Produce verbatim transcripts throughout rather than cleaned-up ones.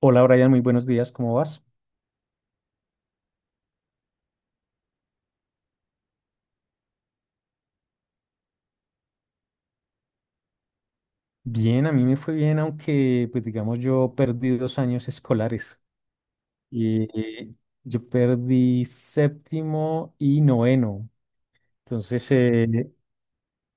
Hola Brian, muy buenos días, ¿cómo vas? Bien, a mí me fue bien, aunque pues digamos yo perdí dos años escolares. Y eh, yo perdí séptimo y noveno. Entonces, eh,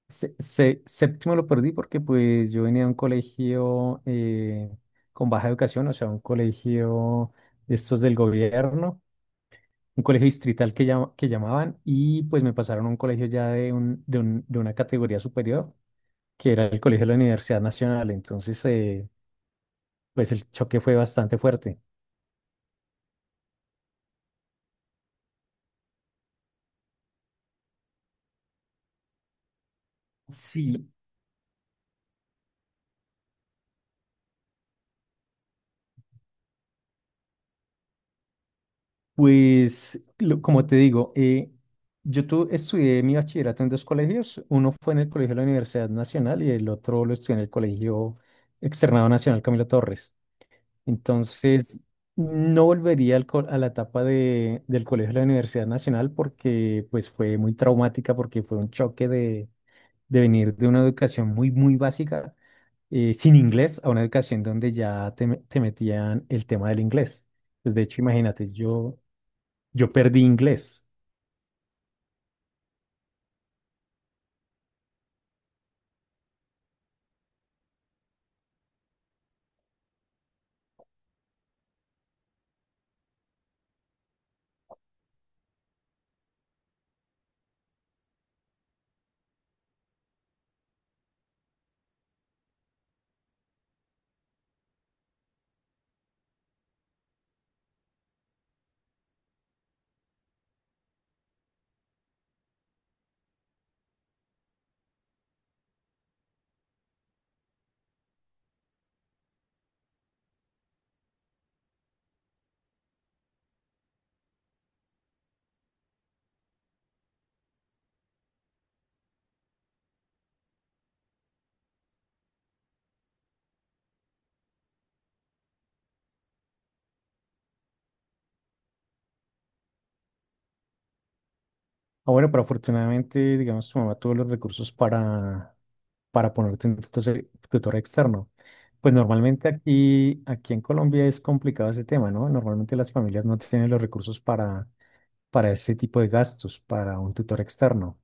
se- se- séptimo lo perdí porque pues yo venía de un colegio eh, con baja educación, o sea, un colegio de estos del gobierno, un colegio distrital que, llama- que llamaban y pues me pasaron a un colegio ya de, un, de, un- de una categoría superior que era el colegio de la Universidad Nacional. Entonces, eh, pues el choque fue bastante fuerte. Sí. Pues, lo- como te digo, eh, yo tu- estudié mi bachillerato en dos colegios. Uno fue en el colegio de la Universidad Nacional y el otro lo estudié en el Colegio Externado Nacional Camilo Torres. Entonces, no volvería al co- a la etapa de, del colegio de la Universidad Nacional, porque pues fue muy traumática, porque fue un choque de venir de una educación muy, muy básica, eh, sin inglés, a una educación donde ya te, me- te metían el tema del inglés. Pues de hecho, imagínate, yo, yo perdí inglés. Ah, bueno, pero afortunadamente, digamos, tu mamá tuvo los recursos para, para ponerte un tutor, tutor externo. Pues normalmente aquí, aquí en Colombia es complicado ese tema, ¿no? Normalmente las familias no tienen los recursos para, para ese tipo de gastos, para un tutor externo.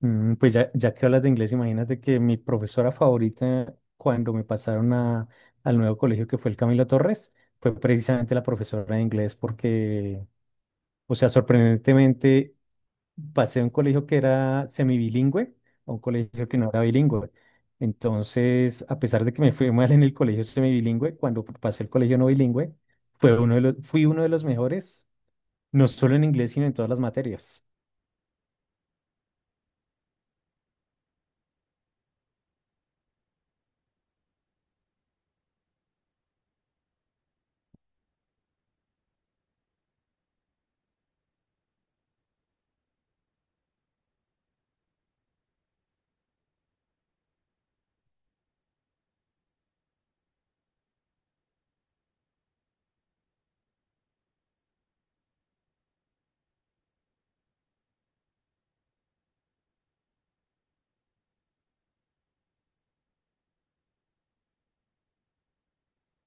Mm, Pues ya, ya que hablas de inglés, imagínate que mi profesora favorita cuando me pasaron a- al nuevo colegio que fue el Camilo Torres, fue precisamente la profesora de inglés, porque, o sea, sorprendentemente pasé a un colegio que era semibilingüe, a un colegio que no era bilingüe. Entonces, a pesar de que me fue mal en el colegio semibilingüe, cuando pasé el colegio no bilingüe, fue uno de los, fui uno de los mejores, no solo en inglés, sino en todas las materias.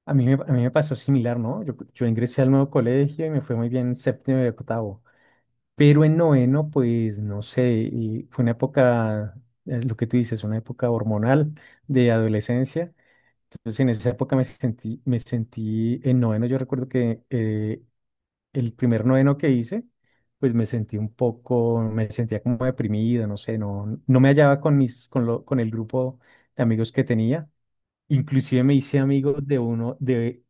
A mí me, a mí me pasó similar, ¿no? Yo, yo ingresé al nuevo colegio y me fue muy bien en séptimo y octavo, pero en noveno, pues no sé, y fue una época, eh, lo que tú dices, una época hormonal de adolescencia. Entonces, en esa época me sentí, me sentí en noveno. Yo recuerdo que eh, el primer noveno que hice, pues me sentí un poco, me sentía como deprimido, no sé, no, no me hallaba con mis, con lo, con el grupo de amigos que tenía. Inclusive me hice amigo de uno de,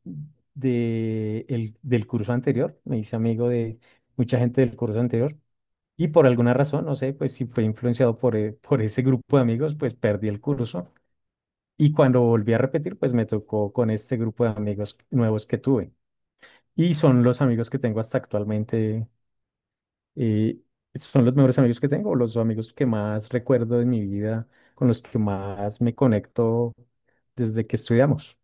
de el, del curso anterior, me hice amigo de mucha gente del curso anterior y por alguna razón, no sé, pues si fue influenciado por, eh, por ese grupo de amigos, pues perdí el curso, y cuando volví a repetir, pues me tocó con este grupo de amigos nuevos que tuve, y son los amigos que tengo hasta actualmente. eh, Son los mejores amigos que tengo, los amigos que más recuerdo de mi vida, con los que más me conecto desde que estudiamos.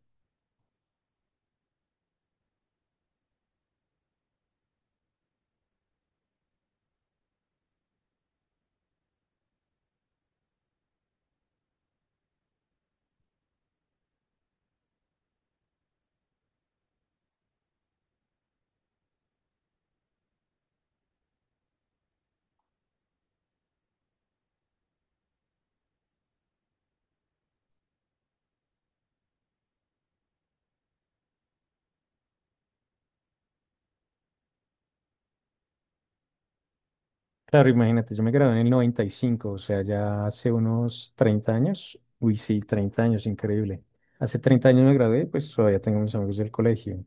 Claro, imagínate, yo me gradué en el noventa y cinco, o sea, ya hace unos treinta años. Uy, sí, treinta años, increíble. Hace treinta años me gradué. Pues todavía tengo mis amigos del colegio.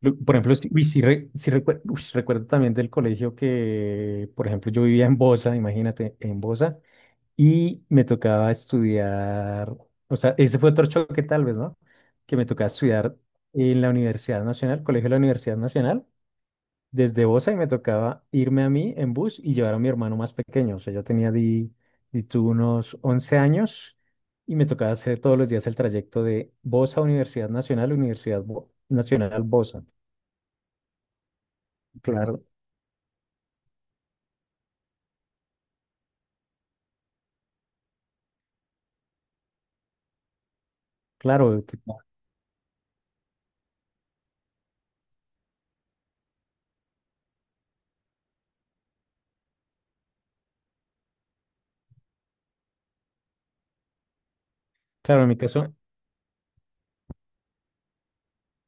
Lo- Por ejemplo, sí- uy, sí, re- sí recuer- uy, sí recuerdo también del colegio que, por ejemplo, yo vivía en Bosa, imagínate, en Bosa, y me tocaba estudiar, o sea, ese fue otro choque tal vez, ¿no? Que me tocaba estudiar en la Universidad Nacional, Colegio de la Universidad Nacional, desde Bosa, y me tocaba irme a mí en bus y llevar a mi hermano más pequeño. O sea, yo tenía di, di tú unos once años, y me tocaba hacer todos los días el trayecto de Bosa, Universidad Nacional, Universidad Bo- Nacional Bosa. Claro, claro, que- no. Claro, en mi caso,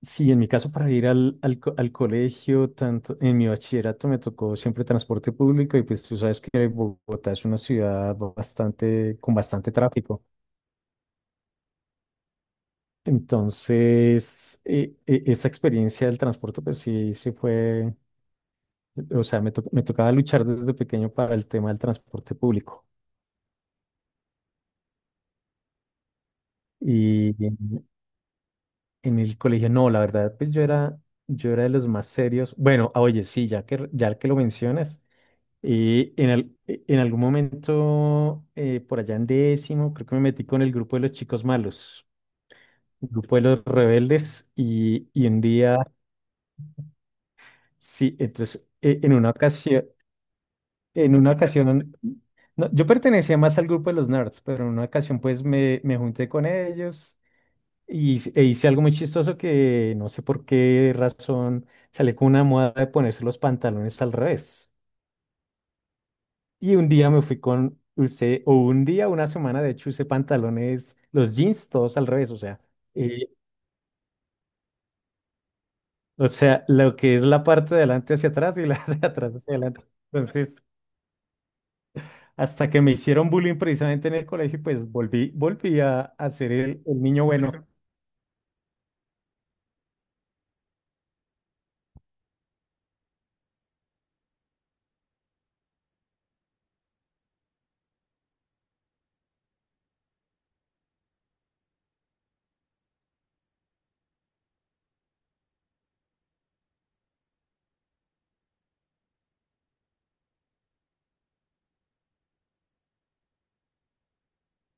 sí, en mi caso, para ir al, al, co- al colegio, tanto en mi bachillerato me tocó siempre transporte público, y pues tú sabes que Bogotá es una ciudad bastante, con bastante tráfico. Entonces, eh, eh, esa experiencia del transporte, pues sí, sí fue, o sea, me, to- me tocaba luchar desde pequeño para el tema del transporte público. Y en, en el colegio, no, la verdad, pues yo era, yo era de los más serios. Bueno, ah, oye, sí, ya que, ya que lo mencionas, eh, en, al- eh, en algún momento, eh, por allá en décimo, creo que me metí con el grupo de los chicos malos, el grupo de los rebeldes, y, y un día, sí, entonces, eh, en una ocasión. En una ocasión, no, yo pertenecía más al grupo de los nerds, pero en una ocasión pues me, me junté con ellos, y, hice- e hice algo muy chistoso que no sé por qué razón salí con una moda de ponerse los pantalones al revés. Y un día me fui con usted, o un día, una semana de hecho usé pantalones, los jeans todos al revés, o sea, eh, o sea, lo que es la parte de adelante hacia atrás, y la de atrás hacia adelante. Entonces, hasta que me hicieron bullying precisamente en el colegio, y pues volví, volví a, a ser el, el niño bueno.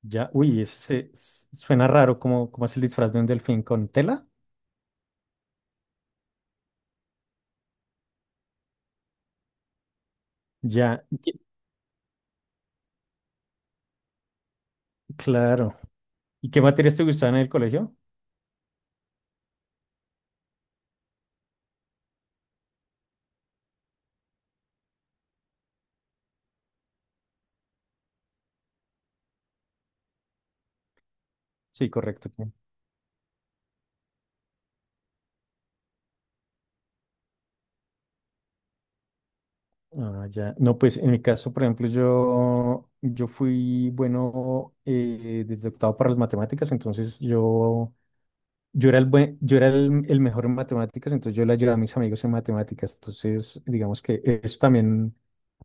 Ya, uy, eso se- s- suena raro, como, como es el disfraz de un delfín con tela. Ya, y qué- claro. ¿Y qué materias te gustaban en el colegio? Sí, correcto, sí. Ah, ya. No, pues en mi caso, por ejemplo, yo, yo fui bueno eh, desde octavo para las matemáticas. Entonces, yo Yo era el, buen- yo era el, el mejor en matemáticas, entonces yo le ayudaba a mis amigos en matemáticas. Entonces, digamos que eso también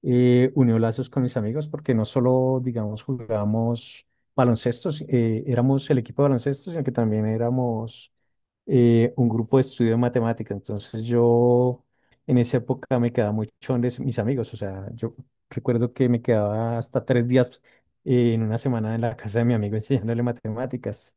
eh, unió lazos con mis amigos, porque no solo, digamos, jugábamos baloncestos, eh, éramos el equipo de baloncesto, sino que también éramos eh, un grupo de estudio de matemáticas. Entonces, yo en esa época me quedaba mucho donde mis amigos. O sea, yo recuerdo que me quedaba hasta tres días eh, en una semana en la casa de mi amigo enseñándole matemáticas.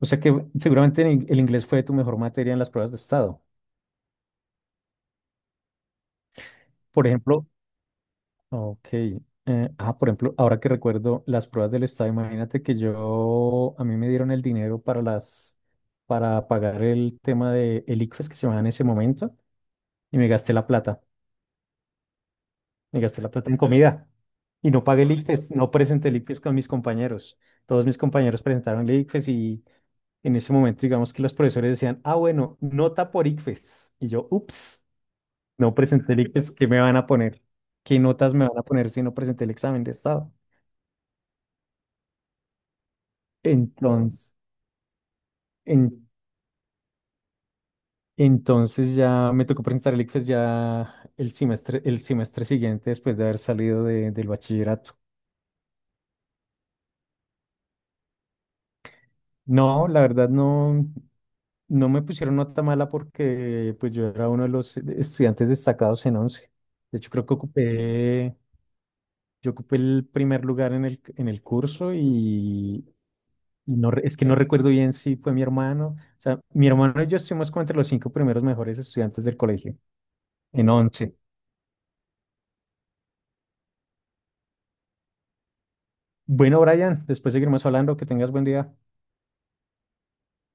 O sea que seguramente el el inglés fue tu mejor materia en las pruebas de estado. Por ejemplo, ok, eh, ah, por ejemplo, ahora que recuerdo las pruebas del estado, imagínate que yo, a mí me dieron el dinero para las, para pagar el tema de el ICFES, que se llamaba en ese momento, y me gasté la plata. Me gasté la plata en comida y no pagué el ICFES, no presenté el ICFES con mis compañeros. Todos mis compañeros presentaron el ICFES, y en ese momento, digamos que los profesores decían, ah, bueno, nota por ICFES. Y yo, ups. No presenté el ICFES, ¿qué me van a poner? ¿Qué notas me van a poner si no presenté el examen de estado? Entonces, en- entonces ya me tocó presentar el ICFES ya el semestre, el semestre siguiente después de haber salido de- del bachillerato. No, la verdad no, no, me pusieron nota mala, porque pues yo era uno de los estudiantes destacados en once. De hecho, creo que ocupé, yo ocupé el primer lugar en el, en el curso. Y Y no, re- es que no recuerdo bien si fue mi hermano. O sea, mi hermano y yo estuvimos como entre los cinco primeros mejores estudiantes del colegio, en once. Bueno, Brian, después seguiremos hablando. Que tengas buen día.